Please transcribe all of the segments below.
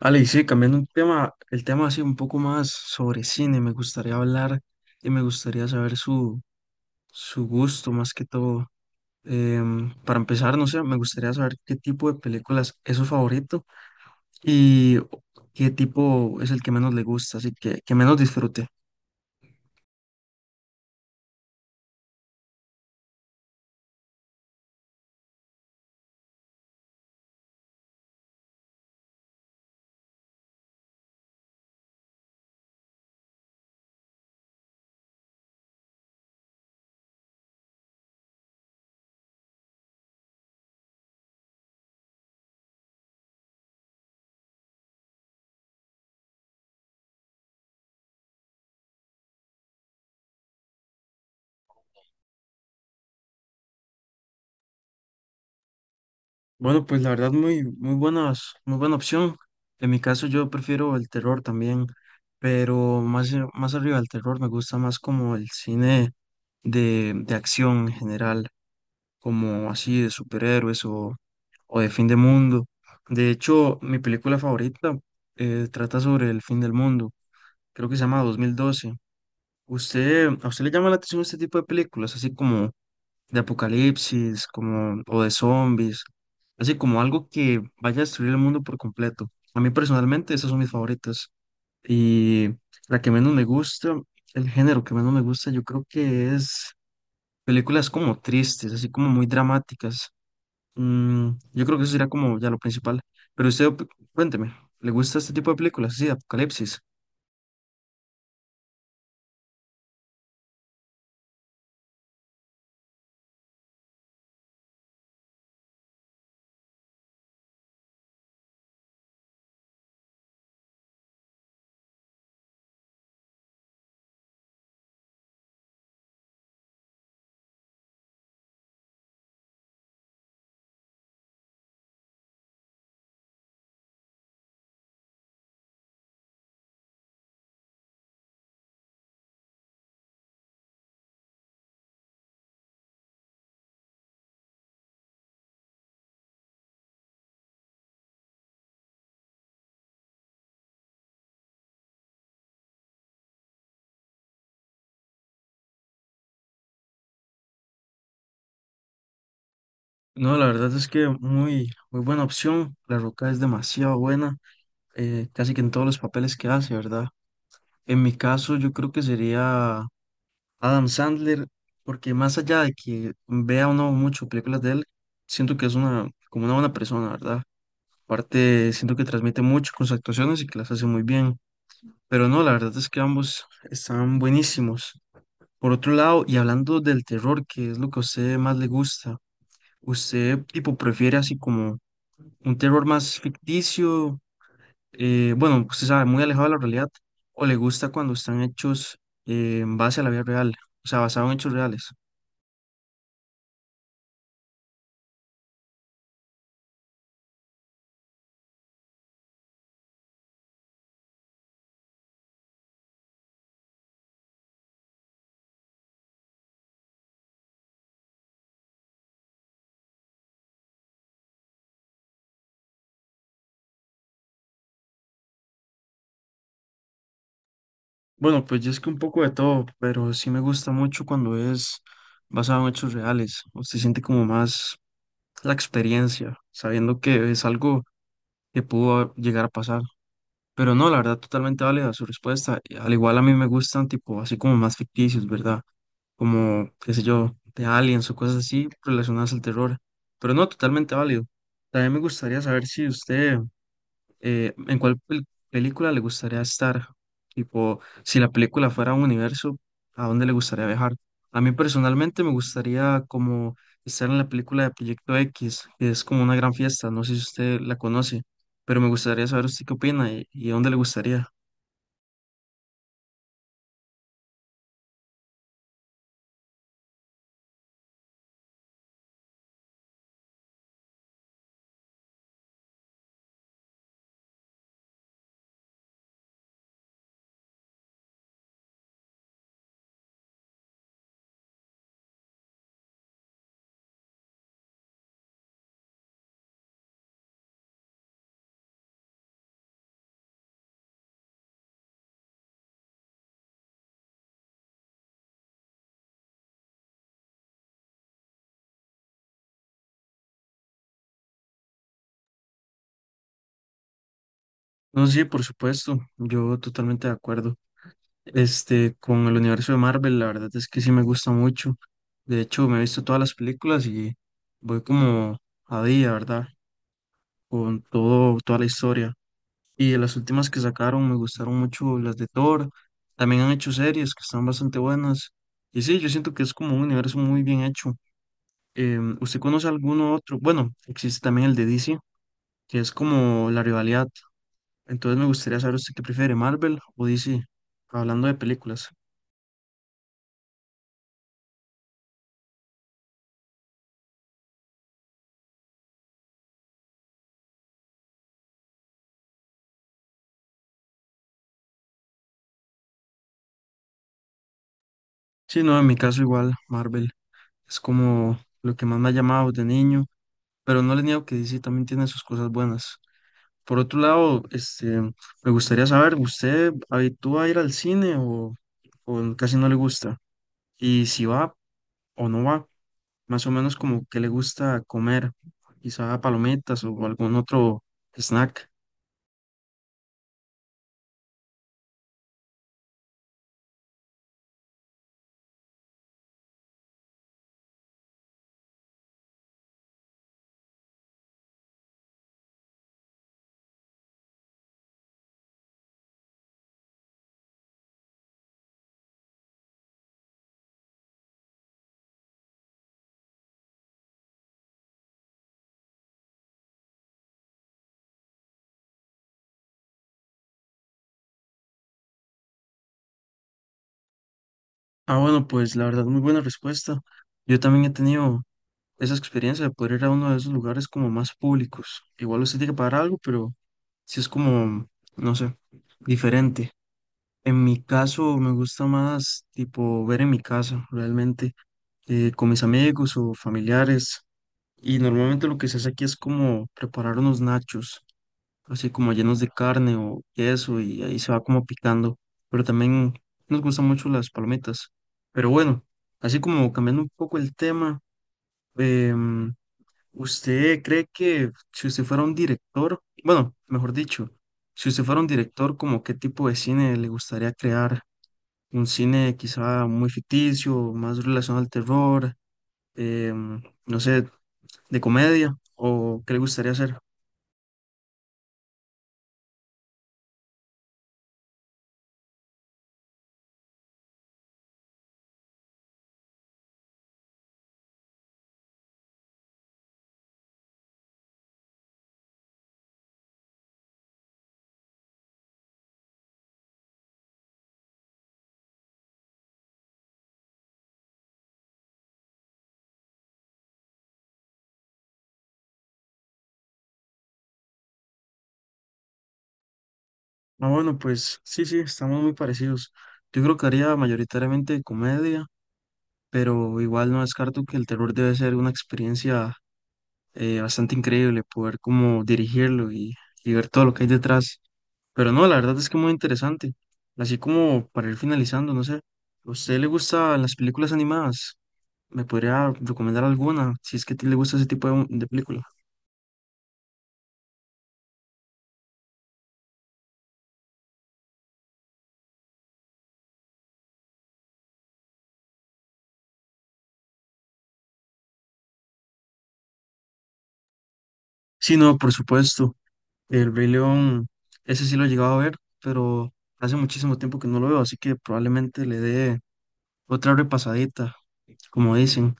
Ale, y sí, cambiando un tema, el tema así un poco más sobre cine, me gustaría hablar y me gustaría saber su, su gusto más que todo. Para empezar, no sé, me gustaría saber qué tipo de películas es su favorito y qué tipo es el que menos le gusta, así que menos disfrute. Bueno, pues la verdad muy, muy buenas, muy buena opción. En mi caso yo prefiero el terror también, pero más, más arriba del terror me gusta más como el cine de acción en general, como así de superhéroes o de fin de mundo. De hecho, mi película favorita trata sobre el fin del mundo, creo que se llama 2012. ¿Usted, a usted le llama la atención este tipo de películas, así como de apocalipsis, como, o de zombies, así como algo que vaya a destruir el mundo por completo? A mí personalmente esas son mis favoritas. Y la que menos me gusta, el género que menos me gusta, yo creo que es películas como tristes, así como muy dramáticas. Yo creo que eso sería como ya lo principal. Pero usted, cuénteme, ¿le gusta este tipo de películas así de apocalipsis? No, la verdad es que muy, muy buena opción. La Roca es demasiado buena, casi que en todos los papeles que hace, ¿verdad? En mi caso, yo creo que sería Adam Sandler, porque más allá de que vea uno mucho películas de él, siento que es una, como una buena persona, ¿verdad? Aparte, siento que transmite mucho con sus actuaciones y que las hace muy bien. Pero no, la verdad es que ambos están buenísimos. Por otro lado, y hablando del terror, que es lo que a usted más le gusta, ¿usted tipo prefiere así como un terror más ficticio? Bueno, usted sabe, muy alejado de la realidad, o le gusta cuando están hechos en base a la vida real, o sea, basado en hechos reales. Bueno, pues yo es que un poco de todo, pero sí me gusta mucho cuando es basado en hechos reales. Usted siente como más la experiencia, sabiendo que es algo que pudo llegar a pasar. Pero no, la verdad, totalmente válida su respuesta. Al igual a mí me gustan, tipo, así como más ficticios, ¿verdad? Como, qué sé yo, de aliens o cosas así relacionadas al terror. Pero no, totalmente válido. También me gustaría saber si usted ¿en cuál película le gustaría estar? Tipo, si la película fuera un universo, ¿a dónde le gustaría viajar? A mí personalmente me gustaría como estar en la película de Proyecto X, que es como una gran fiesta, no sé si usted la conoce, pero me gustaría saber usted qué opina y a dónde le gustaría. No, sí, por supuesto, yo totalmente de acuerdo. Este, con el universo de Marvel, la verdad es que sí me gusta mucho. De hecho, me he visto todas las películas y voy como a día, ¿verdad? Con todo, toda la historia. Y de las últimas que sacaron me gustaron mucho las de Thor. También han hecho series que están bastante buenas. Y sí, yo siento que es como un universo muy bien hecho. ¿Usted conoce alguno otro? Bueno, existe también el de DC, que es como la rivalidad. Entonces me gustaría saber usted qué prefiere, Marvel o DC, hablando de películas. Sí, no, en mi caso igual, Marvel es como lo que más me ha llamado de niño, pero no le niego que DC también tiene sus cosas buenas. Por otro lado, este, me gustaría saber, ¿usted habitúa a ir al cine o casi no le gusta? Y si va o no va, más o menos como que le gusta comer, quizá palomitas o algún otro snack. Ah, bueno, pues la verdad, muy buena respuesta. Yo también he tenido esa experiencia de poder ir a uno de esos lugares como más públicos. Igual usted tiene que pagar algo, pero sí es como, no sé, diferente. En mi caso, me gusta más tipo ver en mi casa, realmente con mis amigos o familiares. Y normalmente lo que se hace aquí es como preparar unos nachos, así como llenos de carne o queso, y ahí se va como picando. Pero también nos gustan mucho las palomitas. Pero bueno, así como cambiando un poco el tema, em, ¿usted cree que si usted fuera un director, bueno, mejor dicho, si usted fuera un director, como qué tipo de cine le gustaría crear? ¿Un cine quizá muy ficticio, más relacionado al terror? No sé, de comedia o qué le gustaría hacer. Ah, bueno, pues sí, sí, estamos muy parecidos. Yo creo que haría mayoritariamente comedia, pero igual no descarto que el terror debe ser una experiencia bastante increíble, poder como dirigirlo y ver todo lo que hay detrás. Pero no, la verdad es que muy interesante. Así como para ir finalizando, no sé, ¿a usted le gustan las películas animadas? ¿Me podría recomendar alguna, si es que a ti le gusta ese tipo de película? Sí, no, por supuesto. El Rey León, ese sí lo he llegado a ver, pero hace muchísimo tiempo que no lo veo, así que probablemente le dé otra repasadita, como dicen.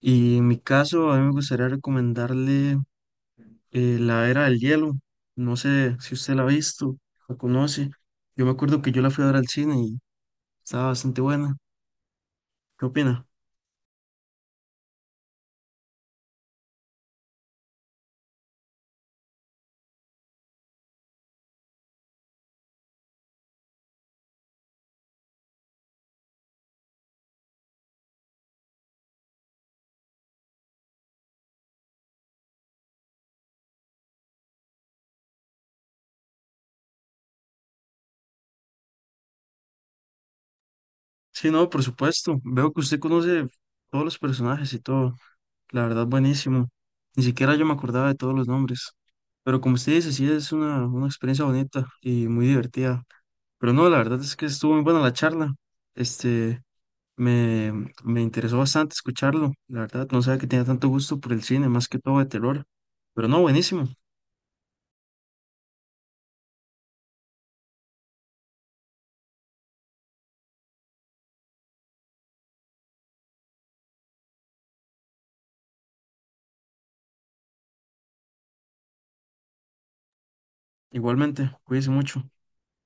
Y en mi caso, a mí me gustaría recomendarle La Era del Hielo. No sé si usted la ha visto, la conoce. Yo me acuerdo que yo la fui a ver al cine y estaba bastante buena. ¿Qué opina? Sí, no, por supuesto. Veo que usted conoce todos los personajes y todo. La verdad, buenísimo. Ni siquiera yo me acordaba de todos los nombres. Pero como usted dice, sí es una experiencia bonita y muy divertida. Pero no, la verdad es que estuvo muy buena la charla. Este, me, me interesó bastante escucharlo. La verdad, no sabía que tenía tanto gusto por el cine, más que todo de terror. Pero no, buenísimo. Igualmente, cuídese mucho.